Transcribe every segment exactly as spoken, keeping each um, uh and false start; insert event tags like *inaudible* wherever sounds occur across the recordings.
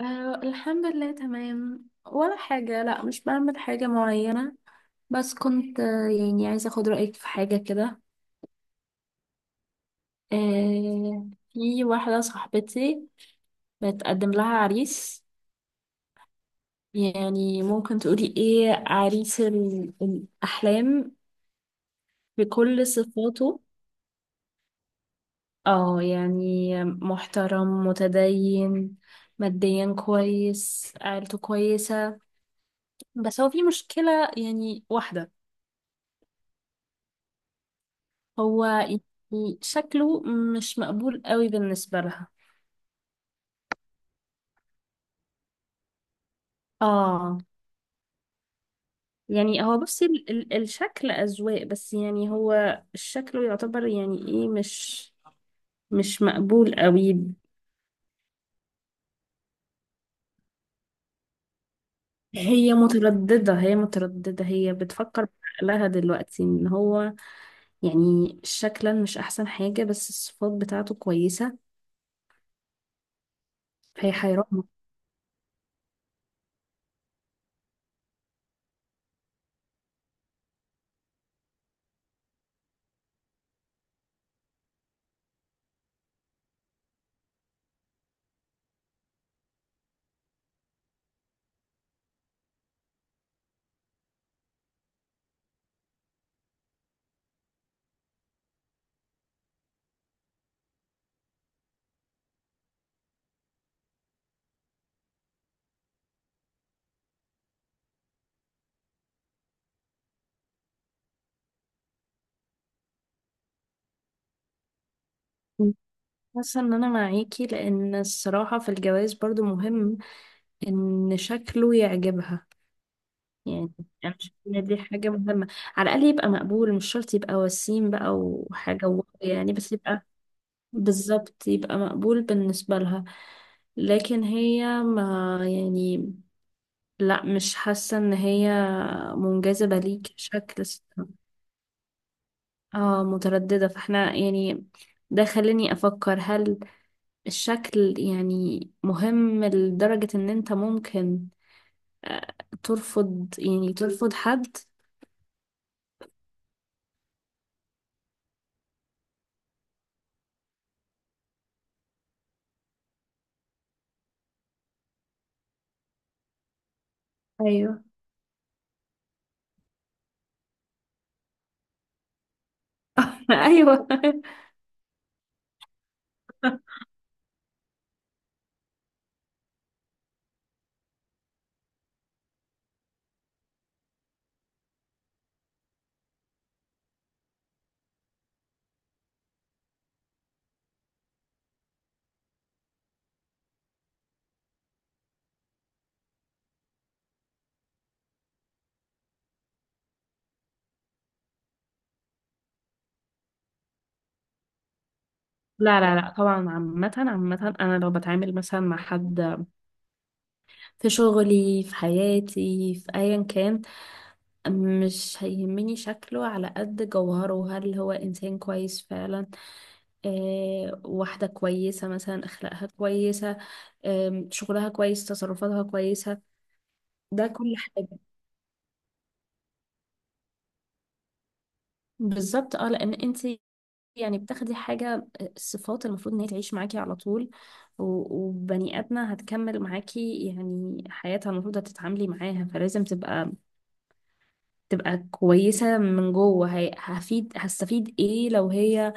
أه، الحمد لله، تمام. ولا حاجة، لا مش بعمل حاجة معينة. بس كنت آه، يعني عايزة أخد رأيك في حاجة كده. أه. في واحدة صاحبتي بتقدم لها عريس. يعني ممكن تقولي إيه عريس ال- الأحلام بكل صفاته؟ اه، يعني محترم، متدين، ماديا كويس، عيلته كويسة. بس هو في مشكلة، يعني واحدة. هو يعني شكله مش مقبول قوي بالنسبة لها. اه، يعني هو بصي ال ال الشكل أذواق، بس يعني هو شكله يعتبر يعني ايه، مش مش مقبول قوي. هي مترددة هي مترددة هي بتفكر لها دلوقتي ان هو يعني شكلا مش احسن حاجة، بس الصفات بتاعته كويسة. فهي حيرانة. حاسة ان انا معاكي، لان الصراحة في الجواز برضو مهم ان شكله يعجبها. يعني انا شايفه ان دي حاجه مهمه، على الاقل يبقى مقبول، مش شرط يبقى وسيم بقى وحاجه و- يعني بس يبقى، بالظبط، يبقى مقبول بالنسبه لها. لكن هي ما يعني، لا مش حاسه ان هي منجذبه ليك شكل. اه متردده، فاحنا يعني ده خليني افكر هل الشكل يعني مهم لدرجه ان انت ممكن آه، ترفض، يعني ترفض حد. ايوه. *laughs* ايوه *laughs* لا لا لا، طبعا عامة، عامة أنا لو بتعامل مثلا مع حد في شغلي، في حياتي، في أيا كان، مش هيهمني شكله على قد جوهره. هل هو إنسان كويس فعلا؟ آه، واحدة كويسة مثلا، أخلاقها كويسة، آه، شغلها كويس، تصرفاتها كويسة، ده كل حاجة. بالظبط، اه، لأن انت يعني بتاخدي حاجة، الصفات المفروض ان هي تعيش معاكي على طول، و- وبني آدمة هتكمل معاكي يعني حياتها، المفروض هتتعاملي معاها، فلازم تبقى تبقى كويسة من جوه. هي- هفيد، هستفيد ايه لو هي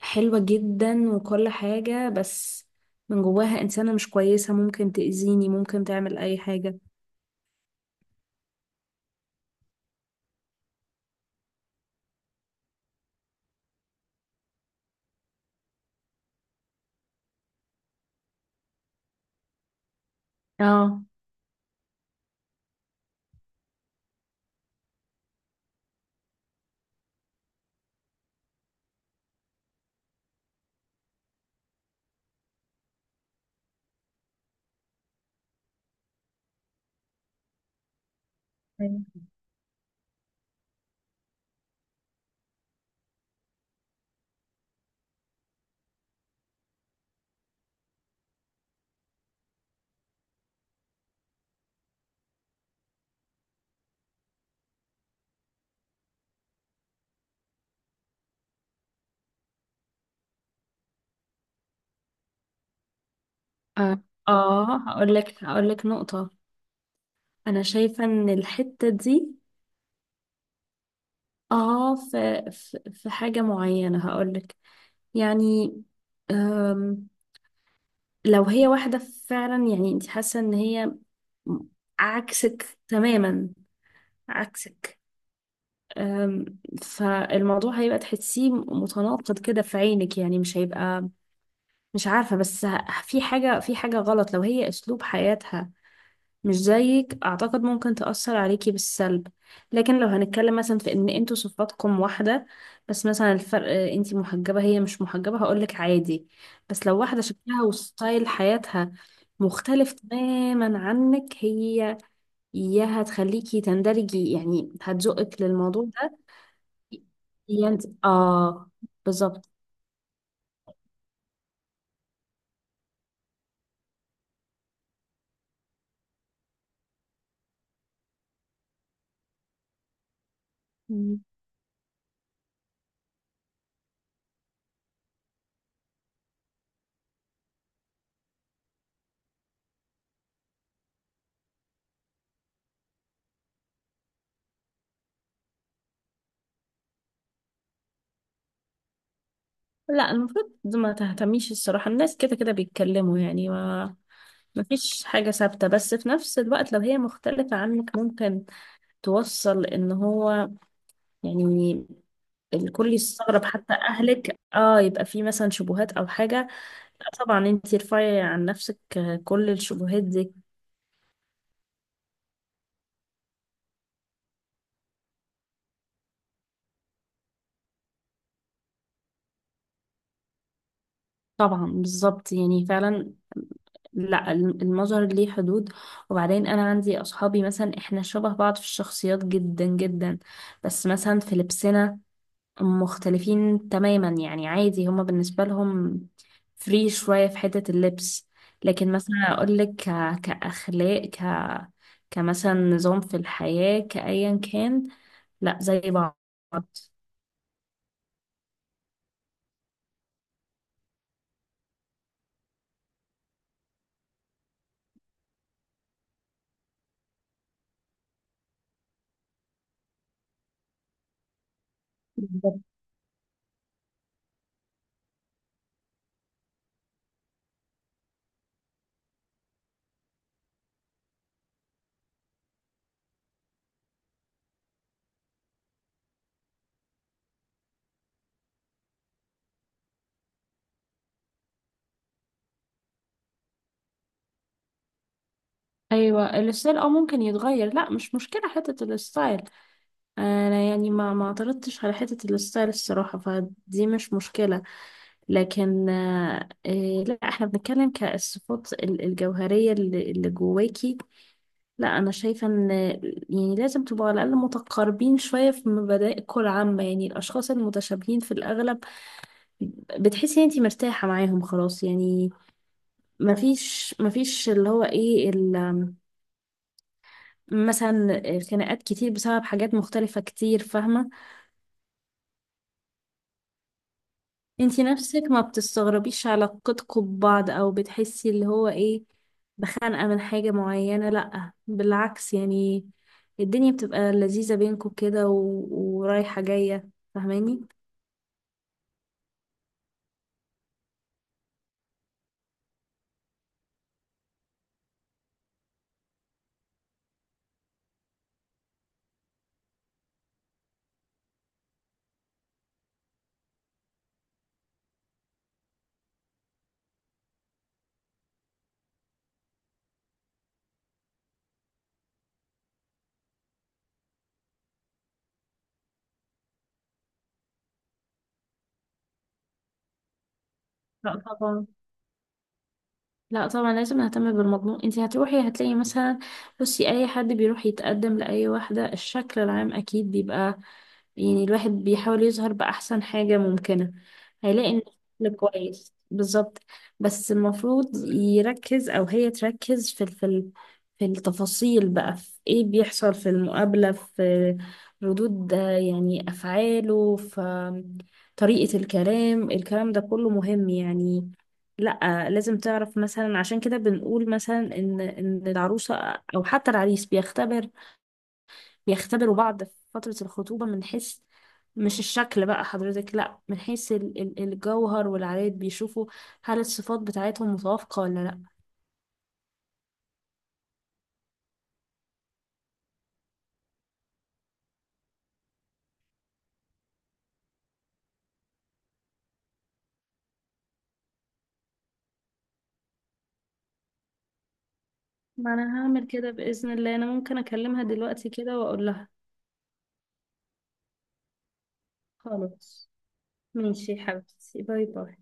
حلوة جدا وكل حاجة، بس من جواها إنسانة مش كويسة، ممكن تأذيني، ممكن تعمل أي حاجة. اه، أيوة. اه هقول لك هقول لك نقطة. أنا شايفة إن الحتة دي، اه، في في في حاجة معينة هقولك. يعني، أم، لو هي واحدة فعلا، يعني انت حاسة ان هي عكسك تماما، عكسك. أم، فالموضوع هيبقى تحسيه متناقض كده في عينك، يعني مش هيبقى، مش عارفة، بس ه- في حاجة، في حاجة غلط. لو هي اسلوب حياتها مش زيك، اعتقد ممكن تأثر عليكي بالسلب. لكن لو هنتكلم مثلا في ان انتوا صفاتكم واحدة، بس مثلا الفرق آه، انتي محجبة هي مش محجبة، هقولك عادي. بس لو واحدة شكلها وستايل حياتها مختلف تماما عنك، هي يا هتخليكي تندرجي، يعني هتزقك للموضوع ده، يا انت. اه، بالظبط. مم. لا المفروض ما تهتميش، الصراحة الناس كده كده بيتكلموا يعني، ما مفيش حاجة ثابتة. بس في نفس الوقت لو هي مختلفة عنك، ممكن توصل ان هو يعني الكل يستغرب، حتى اهلك. اه، يبقى في مثلا شبهات او حاجة. لا طبعا انتي ارفعي عن نفسك كل الشبهات دي. طبعا بالظبط، يعني فعلا، لا، المظهر ليه حدود. وبعدين انا عندي اصحابي مثلا احنا شبه بعض في الشخصيات جدا جدا، بس مثلا في لبسنا مختلفين تماما. يعني عادي، هما بالنسبة لهم فري شوية في حتة اللبس. لكن مثلا أقولك ك... كأخلاق، ك... كمثلا نظام في الحياة، كأيا كان، لا زي بعض. بالظبط. أيوة الستايل أو ممكن يتغير، لا مش مشكلة حتة الستايل. أنا يعني ما ما اعترضتش على حتة الستايل الصراحة، فدي مش مشكلة. لكن آه، إيه، لا احنا بنتكلم كالصفات ال- الجوهرية اللي اللي جواكي. لا انا شايفه ان يعني لازم تبقوا على الاقل متقاربين شويه في مبادئكم العامه، يعني الاشخاص المتشابهين في الاغلب بتحسي ان انتي مرتاحه معاهم، خلاص يعني. مفيش مفيش اللي هو ايه ال- مثلا خناقات كتير بسبب حاجات مختلفه كتير، فاهمه. انتي نفسك ما بتستغربيش علاقتكم ببعض، او بتحسي اللي هو ايه بخانقه من حاجه معينه، لا بالعكس يعني، الدنيا بتبقى لذيذه بينكم كده و- ورايحه جايه، فاهماني. لا طبعا، لا طبعا لازم نهتم بالمضمون. انت هتروحي هتلاقي مثلا، بصي اي حد بيروح يتقدم لاي واحدة الشكل العام اكيد بيبقى، يعني الواحد بيحاول يظهر بأحسن حاجة ممكنة. هيلاقي ان الشكل كويس، بالظبط. بس المفروض يركز او هي تركز في ال- في ال- في التفاصيل بقى، في ايه بيحصل في المقابلة، في ردود آه، يعني افعاله، في طريقة الكلام. الكلام ده كله مهم يعني. لا لازم تعرف مثلا، عشان كده بنقول مثلا ان ان العروسه او حتى العريس بيختبر، بيختبروا بعض في فتره الخطوبه، من حيث مش الشكل بقى حضرتك، لا من حيث ال- ال- الجوهر والعادات، بيشوفوا هل الصفات بتاعتهم متوافقه ولا لا. ما انا هعمل كده باذن الله، انا ممكن اكلمها دلوقتي كده واقول لها. خلاص، ماشي يا حبيبتي، باي باي.